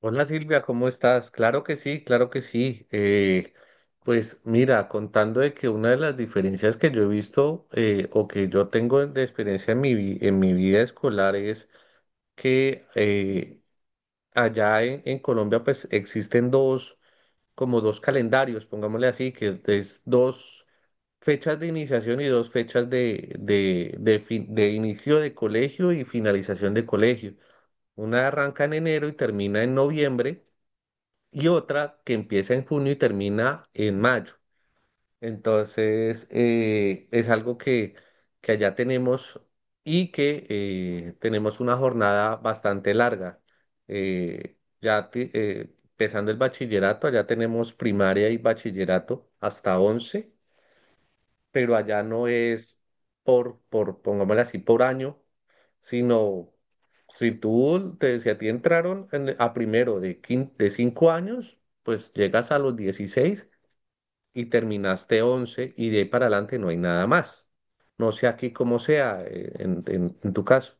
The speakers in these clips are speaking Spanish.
Hola Silvia, ¿cómo estás? Claro que sí, claro que sí. Pues mira, contando de que una de las diferencias que yo he visto o que yo tengo de experiencia en mi vida escolar es que allá en Colombia pues existen como dos calendarios, pongámosle así, que es dos fechas de iniciación y dos fechas de inicio de colegio y finalización de colegio. Una arranca en enero y termina en noviembre y otra que empieza en junio y termina en mayo. Entonces, es algo que allá tenemos y que tenemos una jornada bastante larga. Empezando el bachillerato, allá tenemos primaria y bachillerato hasta 11, pero allá no es pongámosle así, por año, sino si a ti entraron a primero de 5 años, pues llegas a los 16 y terminaste 11 y de ahí para adelante no hay nada más. No sé aquí cómo sea en tu caso.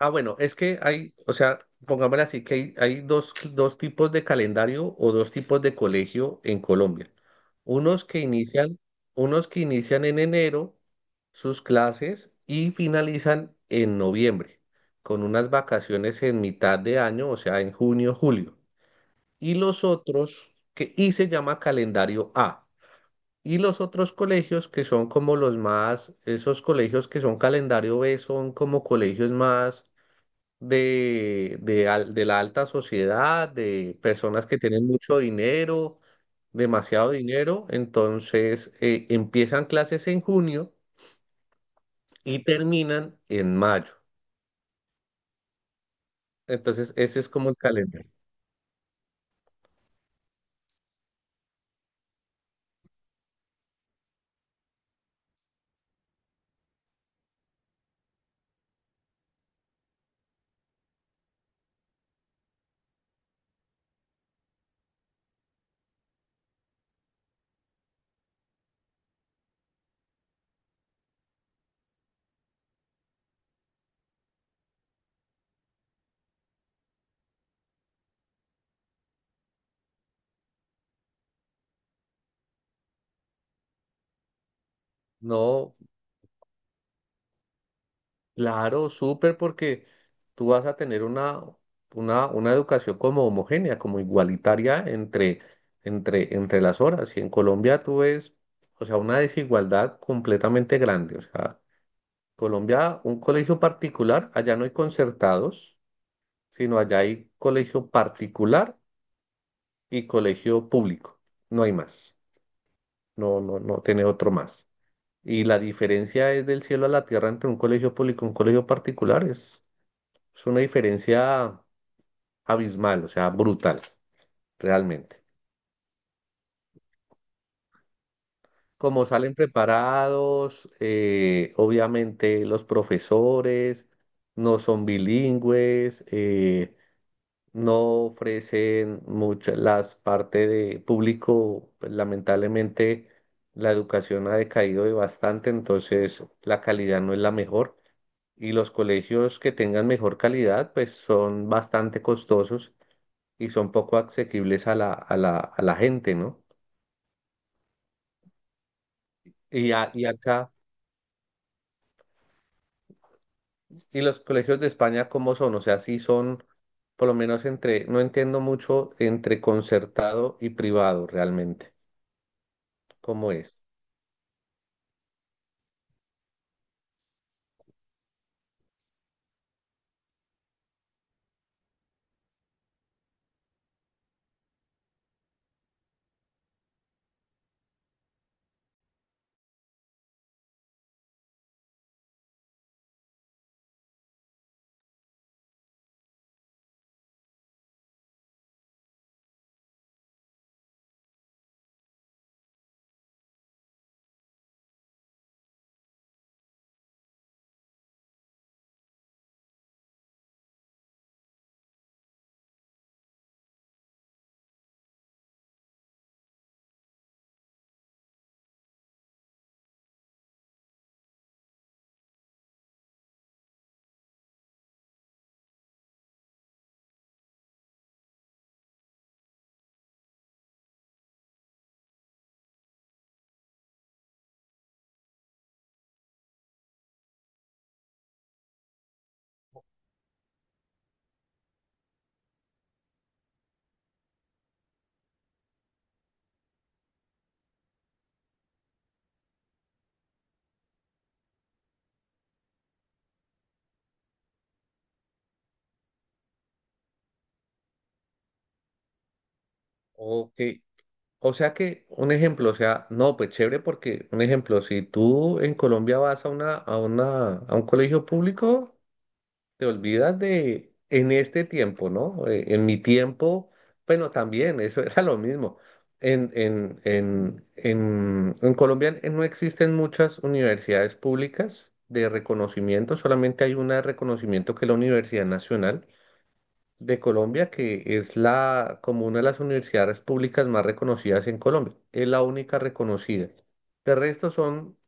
Ah, bueno, es que hay, o sea, pongámoslo así, que hay dos, dos tipos de calendario o dos tipos de colegio en Colombia. Unos que inician, unos que inician en enero sus clases y finalizan en noviembre, con unas vacaciones en mitad de año, o sea, en junio, julio. Y se llama calendario A. Y los otros colegios que son como los más, esos colegios que son calendario B son como colegios más de la alta sociedad, de personas que tienen mucho dinero, demasiado dinero, entonces empiezan clases en junio y terminan en mayo. Entonces ese es como el calendario. No, claro, súper porque tú vas a tener una educación como homogénea, como igualitaria entre las horas. Y en Colombia tú ves, o sea, una desigualdad completamente grande. O sea, Colombia, un colegio particular, allá no hay concertados, sino allá hay colegio particular y colegio público. No hay más. No, no, no tiene otro más. Y la diferencia es del cielo a la tierra entre un colegio público y un colegio particular. Es una diferencia abismal, o sea, brutal, realmente. Como salen preparados, obviamente los profesores no son bilingües. No ofrecen muchas las partes de público, pues, lamentablemente la educación ha decaído de bastante, entonces la calidad no es la mejor y los colegios que tengan mejor calidad pues son bastante costosos y son poco asequibles a la gente, ¿no? Y acá, ¿y los colegios de España cómo son? O sea, sí son, por lo menos entre, no entiendo mucho entre concertado y privado realmente, ¿cómo es? Ok, o sea que, un ejemplo, o sea, no, pues chévere porque, un ejemplo, si tú en Colombia vas a un colegio público, te olvidas de en este tiempo, ¿no? En mi tiempo, bueno, también, eso era lo mismo. En Colombia no existen muchas universidades públicas de reconocimiento, solamente hay una de reconocimiento que es la Universidad Nacional de Colombia, que es la, como una de las universidades públicas más reconocidas en Colombia. Es la única reconocida. De resto son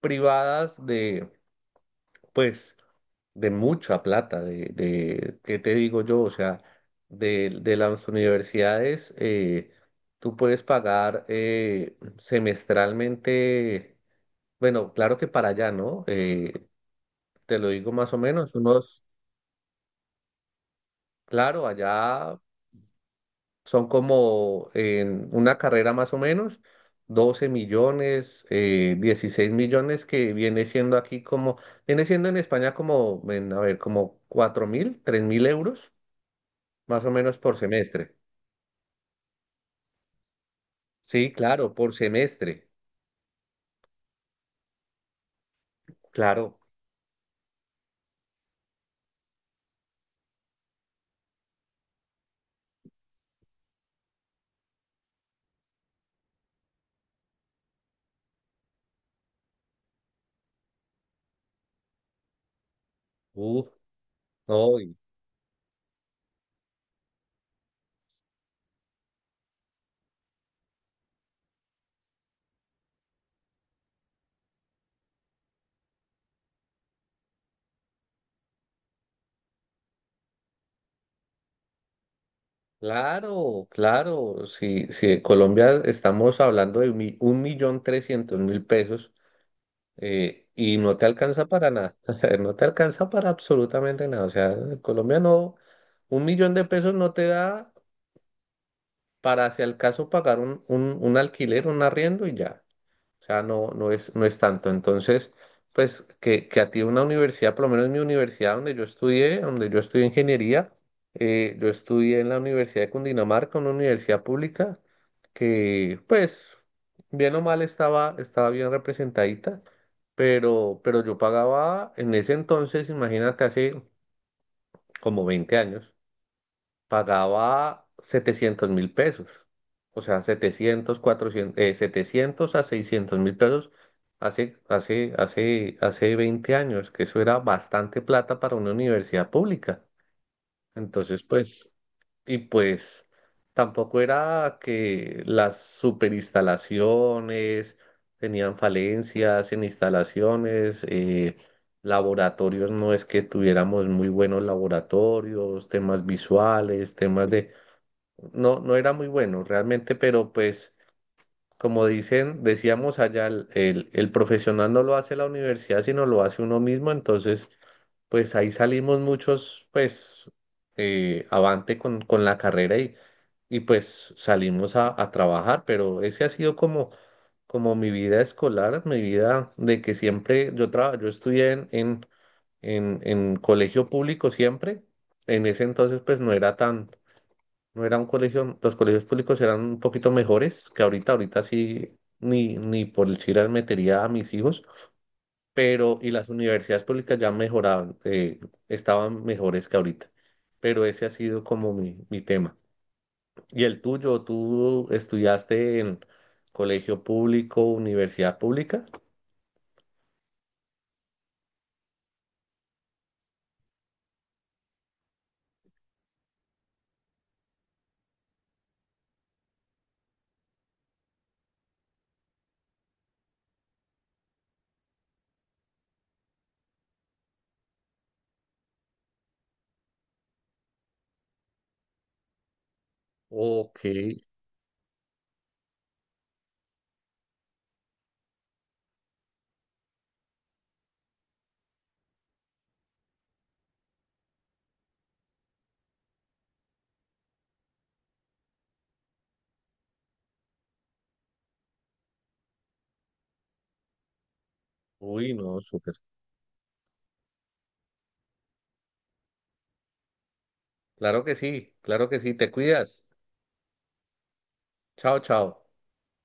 privadas de, pues, de mucha plata, de, ¿qué te digo yo? O sea, de las universidades, tú puedes pagar semestralmente, bueno, claro que para allá, ¿no? Te lo digo más o menos, unos, claro, allá son como en una carrera más o menos, 12 millones, 16 millones, que viene siendo aquí como, viene siendo en España como, en, a ver, como 4000, 3000 euros, más o menos por semestre. Sí, claro, por semestre, claro. Uf, no, y claro, claro. Si en Colombia estamos hablando de 1.300.000 pesos y no te alcanza para nada, no te alcanza para absolutamente nada. O sea, en Colombia no, 1.000.000 de pesos no te da para, si al caso, pagar un alquiler, un arriendo y ya. O sea, no, no es, no es tanto. Entonces, pues que a ti una universidad, por lo menos mi universidad donde yo estudié ingeniería, yo estudié en la Universidad de Cundinamarca, una universidad pública, que pues bien o mal estaba, estaba bien representadita, pero yo pagaba en ese entonces, imagínate, hace como 20 años, pagaba 700.000 pesos. O sea, 700 400 700 a 600.000 pesos hace 20 años, que eso era bastante plata para una universidad pública. Entonces, pues, y pues tampoco era que las superinstalaciones tenían falencias en instalaciones, laboratorios no es que tuviéramos muy buenos laboratorios, temas visuales, temas de... No, no era muy bueno realmente, pero pues como dicen, decíamos allá, el profesional no lo hace la universidad, sino lo hace uno mismo, entonces pues ahí salimos muchos pues avante con la carrera y pues salimos a trabajar, pero ese ha sido como, como mi vida escolar, mi vida de que siempre yo traba- yo estudié en, en colegio público siempre, en ese entonces pues no era tan no era un colegio, los colegios públicos eran un poquito mejores que ahorita, ahorita sí, ni por el chiral metería a mis hijos, pero y las universidades públicas ya mejoraban, estaban mejores que ahorita, pero ese ha sido como mi tema. ¿Y el tuyo? ¿Tú estudiaste en colegio público, universidad pública? Ok, uy, no, súper. Claro que sí, te cuidas. Chao, chao.